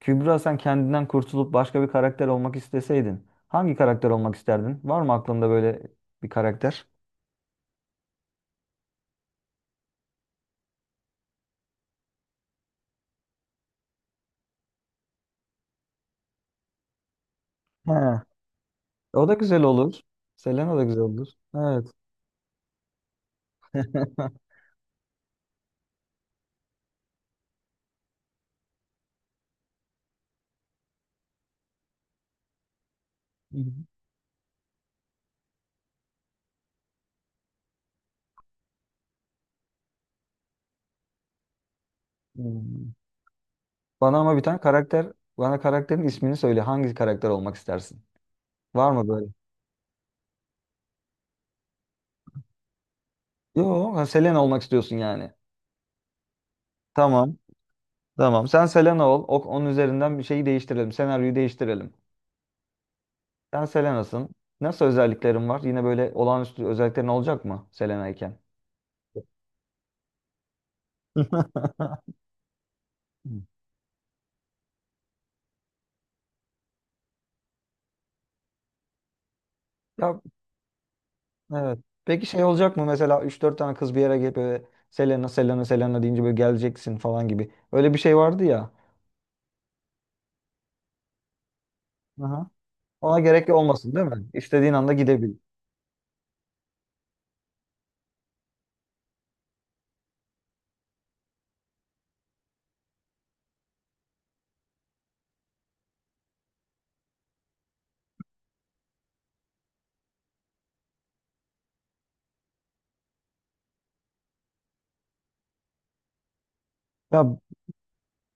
Kübra, sen kendinden kurtulup başka bir karakter olmak isteseydin hangi karakter olmak isterdin? Var mı aklında böyle bir karakter? He, o da güzel olur. Selena da güzel olur. Evet. Hı hı. Hmm. Bana ama bir tane karakter, bana karakterin ismini söyle. Hangi karakter olmak istersin? Var mı böyle? Yok, ha, Selena olmak istiyorsun yani. Tamam. Tamam. Sen Selena ol. Onun üzerinden bir şeyi değiştirelim. Senaryoyu değiştirelim. Sen Selena'sın. Nasıl özelliklerin var? Yine böyle olağanüstü özelliklerin olacak mı Selena iken? Ya, evet. Peki şey olacak mı, mesela üç dört tane kız bir yere gelip böyle Selena Selena Selena deyince böyle geleceksin falan gibi. Öyle bir şey vardı ya. Aha. Ona gerek olmasın değil mi? İstediğin anda gidebil. Ya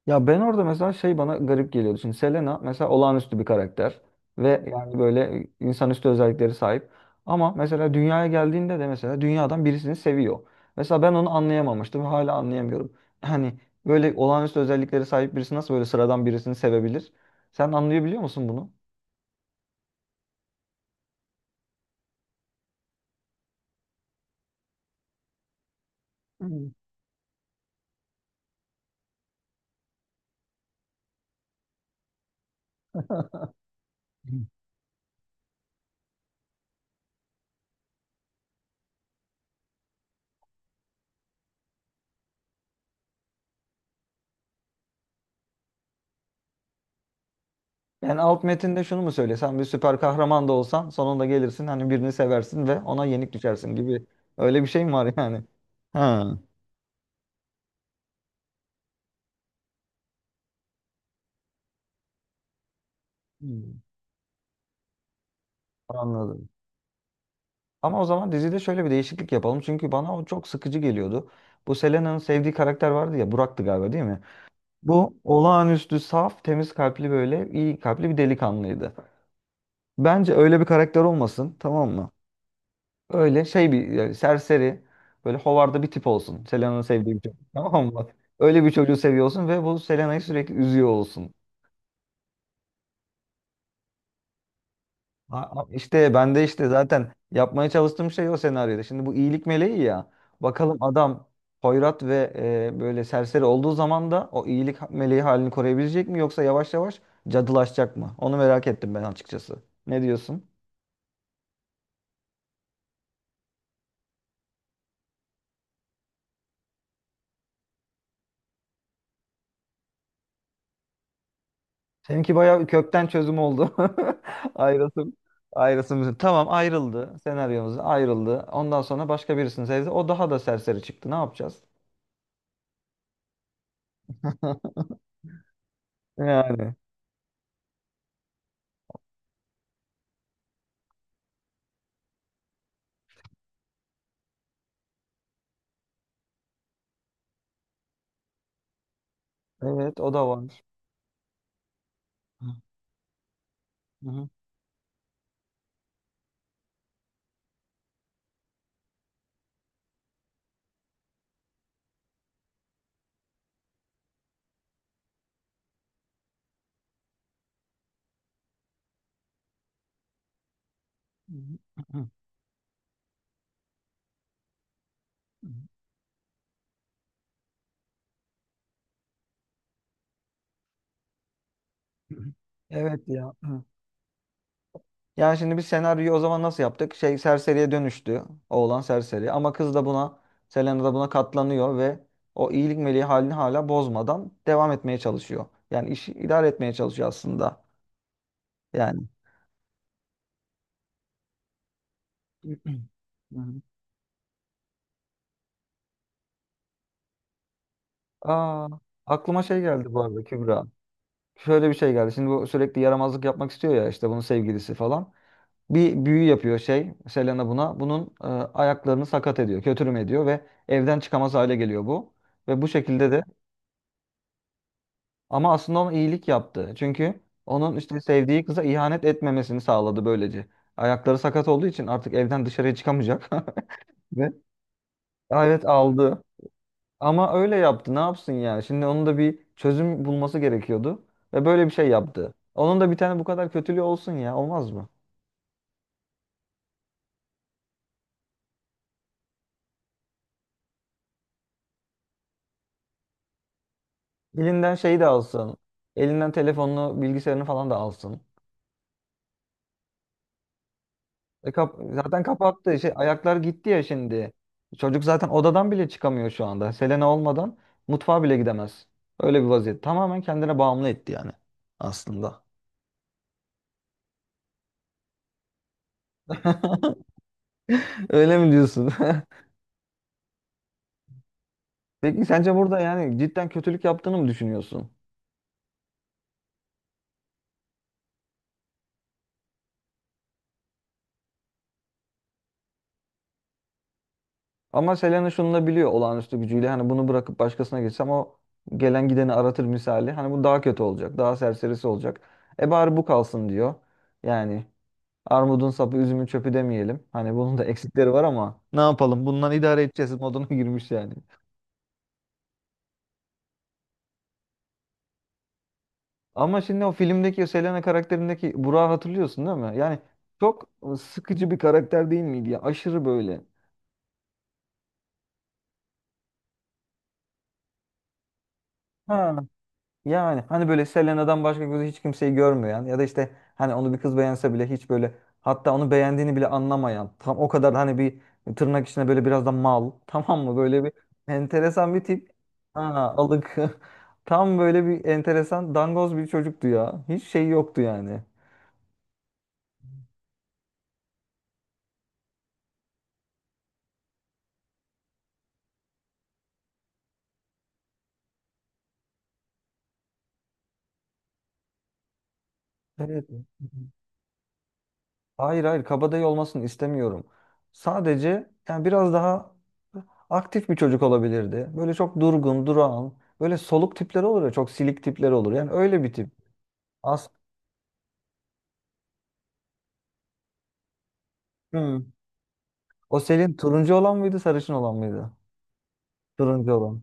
Ya ben orada mesela şey bana garip geliyordu. Şimdi Selena mesela olağanüstü bir karakter ve yani böyle insanüstü özellikleri sahip. Ama mesela dünyaya geldiğinde de mesela dünyadan birisini seviyor. Mesela ben onu anlayamamıştım ve hala anlayamıyorum. Hani böyle olağanüstü özellikleri sahip birisi nasıl böyle sıradan birisini sevebilir? Sen anlayabiliyor musun bunu? Hmm. Yani alt metinde şunu mu söylesem, bir süper kahraman da olsan sonunda gelirsin hani birini seversin ve ona yenik düşersin gibi öyle bir şey mi var yani? Ha. Anladım. Ama o zaman dizide şöyle bir değişiklik yapalım. Çünkü bana o çok sıkıcı geliyordu. Bu Selena'nın sevdiği karakter vardı ya, Burak'tı galiba değil mi? Bu olağanüstü saf, temiz kalpli, böyle iyi kalpli bir delikanlıydı. Bence öyle bir karakter olmasın, tamam mı? Öyle şey bir yani serseri, böyle hovarda bir tip olsun. Selena'nın sevdiği bir çocuk tamam mı? Öyle bir çocuğu seviyorsun ve bu Selena'yı sürekli üzüyor olsun. İşte ben de işte zaten yapmaya çalıştığım şey o senaryoda. Şimdi bu iyilik meleği ya. Bakalım adam hoyrat ve böyle serseri olduğu zaman da o iyilik meleği halini koruyabilecek mi, yoksa yavaş yavaş cadılaşacak mı? Onu merak ettim ben açıkçası. Ne diyorsun? Seninki bayağı kökten çözüm oldu. Ayrılsın. Ayrılsın. Tamam, ayrıldı. Senaryomuz ayrıldı. Ondan sonra başka birisini sevdi. O daha da serseri çıktı. Ne yapacağız? Yani. Evet, o da var. Hı hı. Hı hı. Hı hı. Evet ya. Hı. Yani şimdi biz senaryoyu o zaman nasıl yaptık? Şey, serseriye dönüştü. Oğlan serseri. Ama kız da buna, Selena da buna katlanıyor ve o iyilik meleği halini hala bozmadan devam etmeye çalışıyor. Yani işi idare etmeye çalışıyor aslında. Yani. Hı hı. Aa, aklıma şey geldi bu arada Kübra. Şöyle bir şey geldi. Şimdi bu sürekli yaramazlık yapmak istiyor ya, işte bunun sevgilisi falan. Bir büyü yapıyor şey, Selena buna. Bunun ayaklarını sakat ediyor, kötürüm ediyor ve evden çıkamaz hale geliyor bu. Ve bu şekilde de ama aslında ona iyilik yaptı. Çünkü onun işte sevdiği kıza ihanet etmemesini sağladı böylece. Ayakları sakat olduğu için artık evden dışarıya çıkamayacak. Ve evet, aldı. Ama öyle yaptı. Ne yapsın yani? Şimdi onun da bir çözüm bulması gerekiyordu. Ve böyle bir şey yaptı. Onun da bir tane bu kadar kötülüğü olsun ya. Olmaz mı? Elinden şeyi de alsın. Elinden telefonunu, bilgisayarını falan da alsın. E kap zaten kapattı. Şey, ayaklar gitti ya şimdi. Çocuk zaten odadan bile çıkamıyor şu anda. Selena olmadan mutfağa bile gidemez. Öyle bir vaziyet. Tamamen kendine bağımlı etti yani aslında. Öyle mi diyorsun? Peki sence burada yani cidden kötülük yaptığını mı düşünüyorsun? Ama Selena şunu da biliyor olağanüstü gücüyle. Hani bunu bırakıp başkasına geçsem o gelen gideni aratır misali. Hani bu daha kötü olacak. Daha serserisi olacak. E bari bu kalsın diyor. Yani armudun sapı, üzümün çöpü demeyelim. Hani bunun da eksikleri var ama ne yapalım? Bundan idare edeceğiz moduna girmiş yani. Ama şimdi o filmdeki o Selena karakterindeki Burak'ı hatırlıyorsun değil mi? Yani çok sıkıcı bir karakter değil miydi ya? Aşırı böyle. Ha. Yani hani böyle Selena'dan başka gözü hiç kimseyi görmeyen ya da işte hani onu bir kız beğense bile hiç böyle, hatta onu beğendiğini bile anlamayan, tam o kadar hani bir tırnak içinde böyle biraz da mal tamam mı, böyle bir enteresan bir tip, ha, alık tam böyle bir enteresan dangoz bir çocuktu ya, hiç şey yoktu yani. Evet. Hayır hayır, kabadayı olmasını istemiyorum. Sadece yani biraz daha aktif bir çocuk olabilirdi. Böyle çok durgun, durağan, böyle soluk tipler olur ya, çok silik tipler olur. Yani öyle bir tip. As Hı. O Selin turuncu olan mıydı, sarışın olan mıydı? Turuncu olan.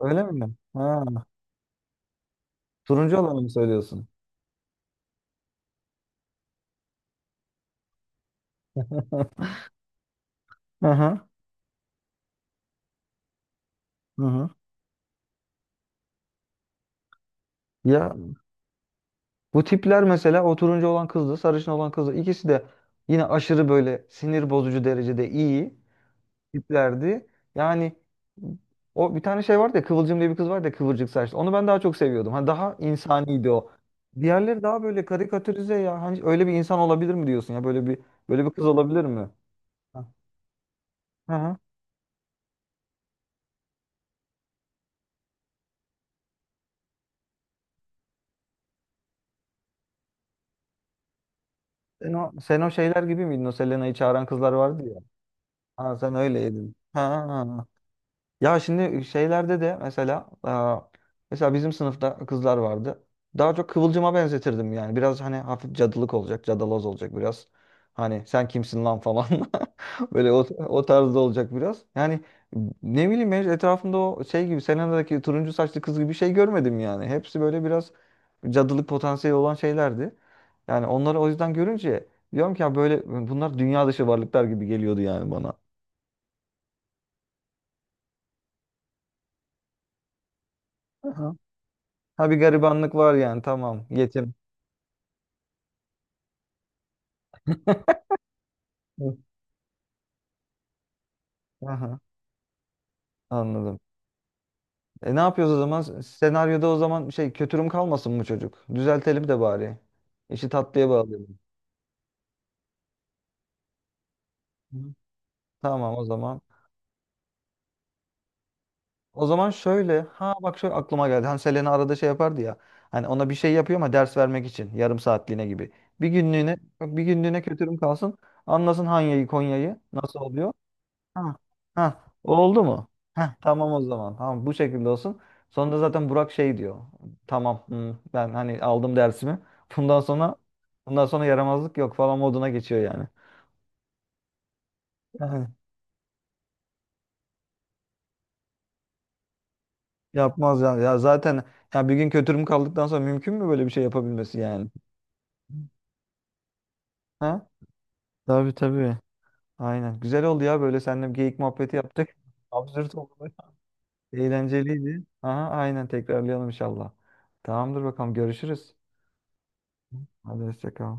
Öyle mi? Ha, turuncu olanı mı söylüyorsun? Hı hı. Hı hı. Ya, bu tipler mesela, o turuncu olan kızdı, sarışın olan kızdı. İkisi de yine aşırı böyle sinir bozucu derecede iyi tiplerdi. Yani o bir tane şey vardı ya, Kıvılcım diye bir kız vardı ya kıvırcık saçlı. Onu ben daha çok seviyordum. Hani daha insaniydi o. Diğerleri daha böyle karikatürize ya. Hani öyle bir insan olabilir mi diyorsun ya? Böyle bir kız olabilir mi? Ha. Hı hı. Sen o şeyler gibi miydin? O Selena'yı çağıran kızlar vardı ya. Ha, sen öyleydin. Ha. Ya şimdi şeylerde de mesela aa, mesela bizim sınıfta kızlar vardı. Daha çok kıvılcıma benzetirdim yani. Biraz hani hafif cadılık olacak, cadaloz olacak biraz. Hani sen kimsin lan falan. Böyle o, o tarzda olacak biraz. Yani ne bileyim, ben etrafımda o şey gibi Selena'daki turuncu saçlı kız gibi bir şey görmedim yani. Hepsi böyle biraz cadılık potansiyeli olan şeylerdi. Yani onları o yüzden görünce diyorum ki ya böyle bunlar dünya dışı varlıklar gibi geliyordu yani bana. Ha, bir garibanlık var yani, tamam. Yetim. Hı. Aha, anladım. E ne yapıyoruz o zaman? Senaryoda o zaman şey, kötürüm kalmasın bu çocuk? Düzeltelim de bari. İşi tatlıya bağlayalım. Hı. Tamam o zaman. O zaman şöyle. Ha bak, şöyle aklıma geldi. Hani Selena arada şey yapardı ya. Hani ona bir şey yapıyor ama ders vermek için. Yarım saatliğine gibi. Bir günlüğüne, bak, bir günlüğüne kötürüm kalsın. Anlasın Hanya'yı Konya'yı nasıl oluyor. Ha, ha, oldu mu? Heh, tamam o zaman. Tamam, bu şekilde olsun. Sonra zaten Burak şey diyor. Tamam hmm, ben hani aldım dersimi. Bundan sonra bundan sonra yaramazlık yok falan moduna geçiyor yani. Yani yapmaz yani. Ya zaten bir gün kötürüm kaldıktan sonra mümkün mü böyle bir şey yapabilmesi yani? Ha? Tabii tabii. Aynen. Güzel oldu ya, böyle seninle bir geyik muhabbeti yaptık. Absürt oldu. Eğlenceliydi. Aha, aynen, tekrarlayalım inşallah. Tamamdır bakalım, görüşürüz. Hadi hoşça kal.